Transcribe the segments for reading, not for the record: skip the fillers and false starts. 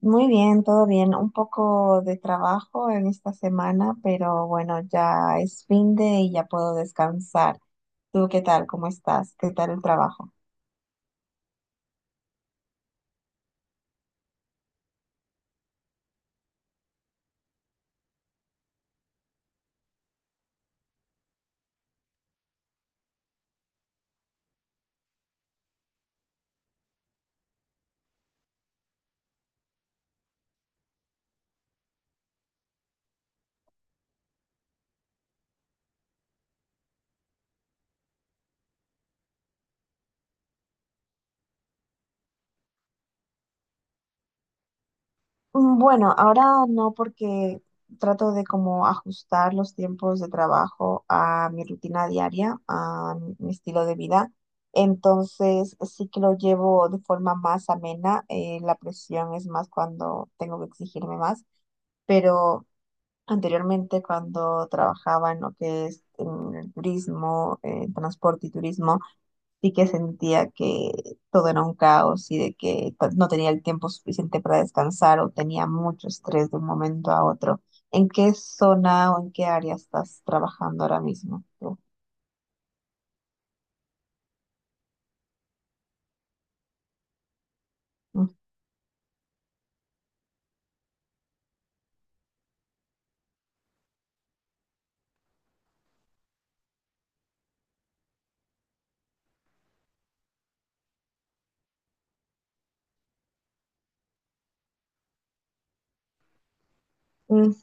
Muy bien, todo bien. Un poco de trabajo en esta semana, pero bueno, ya es fin de y ya puedo descansar. ¿Tú qué tal? ¿Cómo estás? ¿Qué tal el trabajo? Bueno, ahora no porque trato de como ajustar los tiempos de trabajo a mi rutina diaria, a mi estilo de vida. Entonces sí que lo llevo de forma más amena. La presión es más cuando tengo que exigirme más, pero anteriormente, cuando trabajaba en lo que es en el turismo, en transporte y turismo, sí que sentía que todo era un caos y de que pues, no tenía el tiempo suficiente para descansar o tenía mucho estrés de un momento a otro. ¿En qué zona o en qué área estás trabajando ahora mismo tú? Ujú.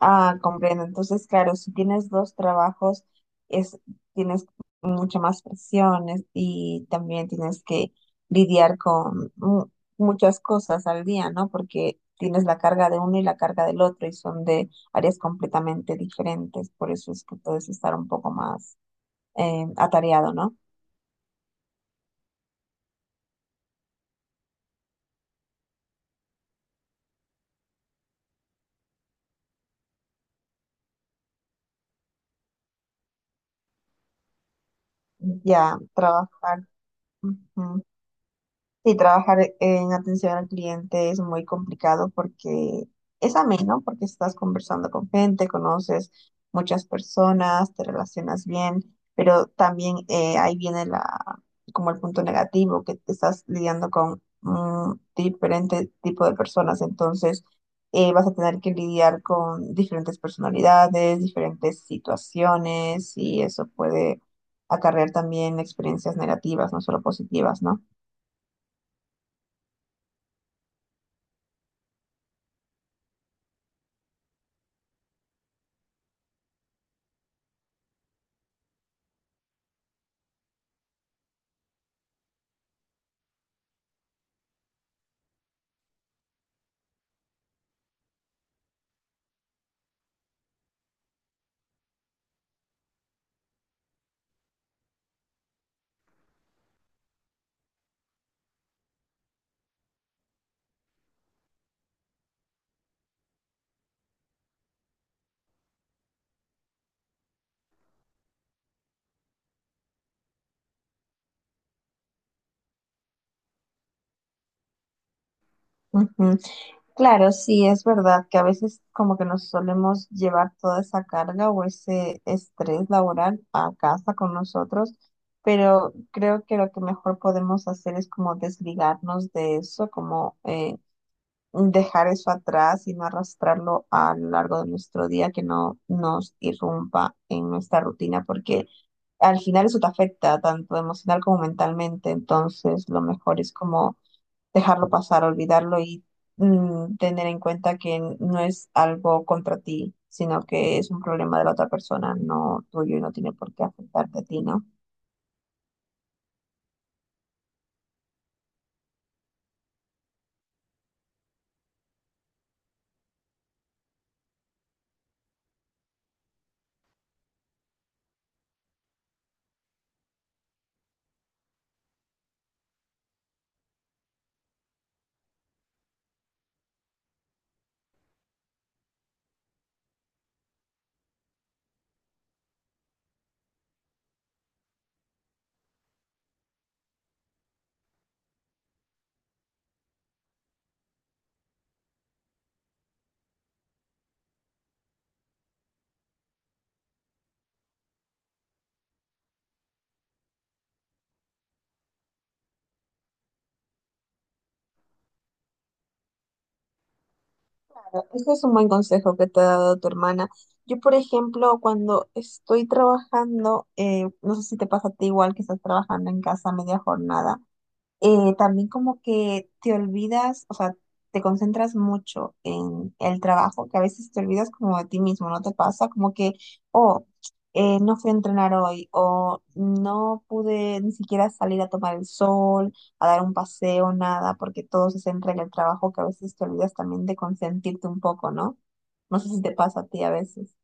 Ah, comprendo. Entonces, claro, si tienes dos trabajos, es, tienes mucha más presiones y también tienes que lidiar con muchas cosas al día, ¿no? Porque tienes la carga de uno y la carga del otro y son de áreas completamente diferentes. Por eso es que puedes estar un poco más atareado, ¿no? Ya, trabajar. Sí, trabajar en atención al cliente es muy complicado porque es ameno, porque estás conversando con gente, conoces muchas personas, te relacionas bien, pero también ahí viene la, como el punto negativo, que te estás lidiando con diferente tipo de personas, entonces vas a tener que lidiar con diferentes personalidades, diferentes situaciones y eso puede acarrear también experiencias negativas, no solo positivas, ¿no? Ujú. Claro, sí, es verdad que a veces como que nos solemos llevar toda esa carga o ese estrés laboral a casa con nosotros, pero creo que lo que mejor podemos hacer es como desligarnos de eso, como dejar eso atrás y no arrastrarlo a lo largo de nuestro día, que no nos irrumpa en nuestra rutina, porque al final eso te afecta tanto emocional como mentalmente, entonces lo mejor es como dejarlo pasar, olvidarlo y tener en cuenta que no es algo contra ti, sino que es un problema de la otra persona, no tuyo y no tiene por qué afectarte a ti, ¿no? Claro, ese es un buen consejo que te ha dado tu hermana. Yo, por ejemplo, cuando estoy trabajando, no sé si te pasa a ti igual que estás trabajando en casa a media jornada. También como que te olvidas, o sea, te concentras mucho en el trabajo, que a veces te olvidas como de ti mismo, ¿no te pasa? Como que, oh, no fui a entrenar hoy, o no pude ni siquiera salir a tomar el sol, a dar un paseo, nada, porque todo se centra en el trabajo, que a veces te olvidas también de consentirte un poco, ¿no? No sé si te pasa a ti a veces.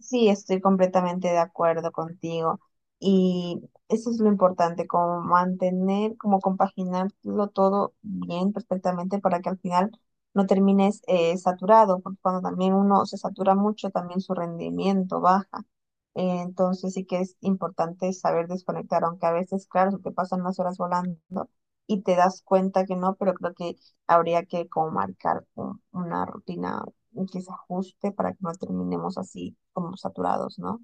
Sí, estoy completamente de acuerdo contigo. Y eso es lo importante, como mantener, como compaginarlo todo bien, perfectamente, para que al final no termines saturado, porque cuando también uno se satura mucho, también su rendimiento baja. Entonces sí que es importante saber desconectar, aunque a veces, claro, se te pasan las horas volando y te das cuenta que no, pero creo que habría que como marcar una rutina y que se ajuste para que no terminemos así como saturados, ¿no?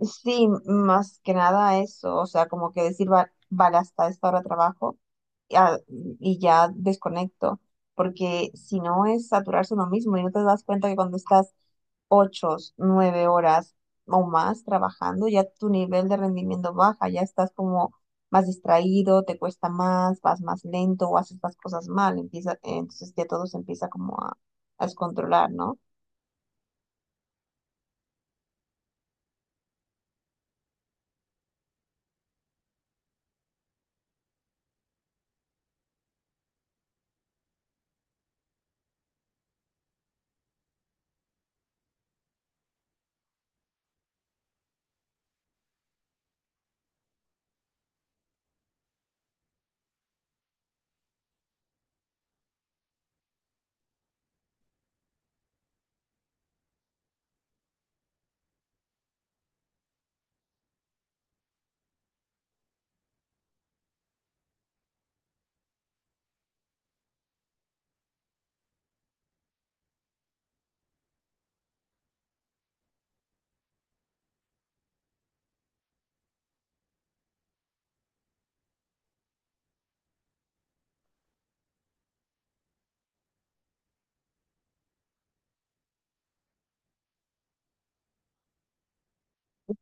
Sí, más que nada eso, o sea, como que decir, vale, hasta esta hora trabajo y, a- y ya desconecto, porque si no es saturarse uno mismo y no te das cuenta que cuando estás 8, 9 horas o más trabajando, ya tu nivel de rendimiento baja, ya estás como más distraído, te cuesta más, vas más lento o haces las cosas mal, empieza, entonces ya todo se empieza como a descontrolar, ¿no?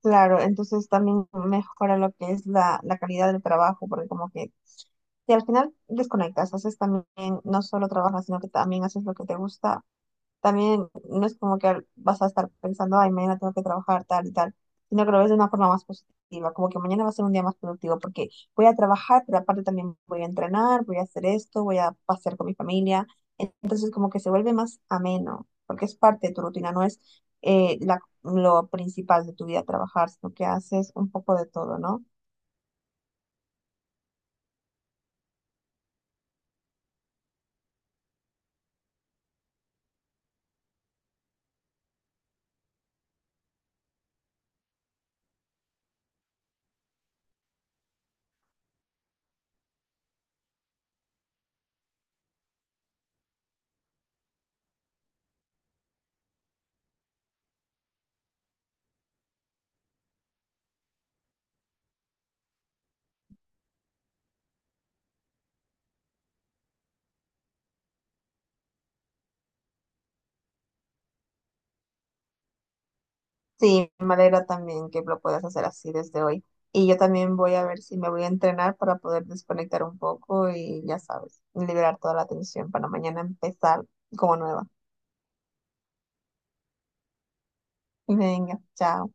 Claro, entonces también mejora lo que es la, la calidad del trabajo, porque como que si al final desconectas, haces también, no solo trabajas, sino que también haces lo que te gusta, también no es como que vas a estar pensando, ay, mañana tengo que trabajar tal y tal, sino que lo ves de una forma más positiva, como que mañana va a ser un día más productivo porque voy a trabajar, pero aparte también voy a entrenar, voy a hacer esto, voy a pasear con mi familia. Entonces como que se vuelve más ameno, porque es parte de tu rutina, no es lo principal de tu vida trabajar, sino que haces un poco de todo, ¿no? Sí, me alegra también que lo puedas hacer así desde hoy. Y yo también voy a ver si me voy a entrenar para poder desconectar un poco y ya sabes, liberar toda la tensión para mañana empezar como nueva. Venga, chao.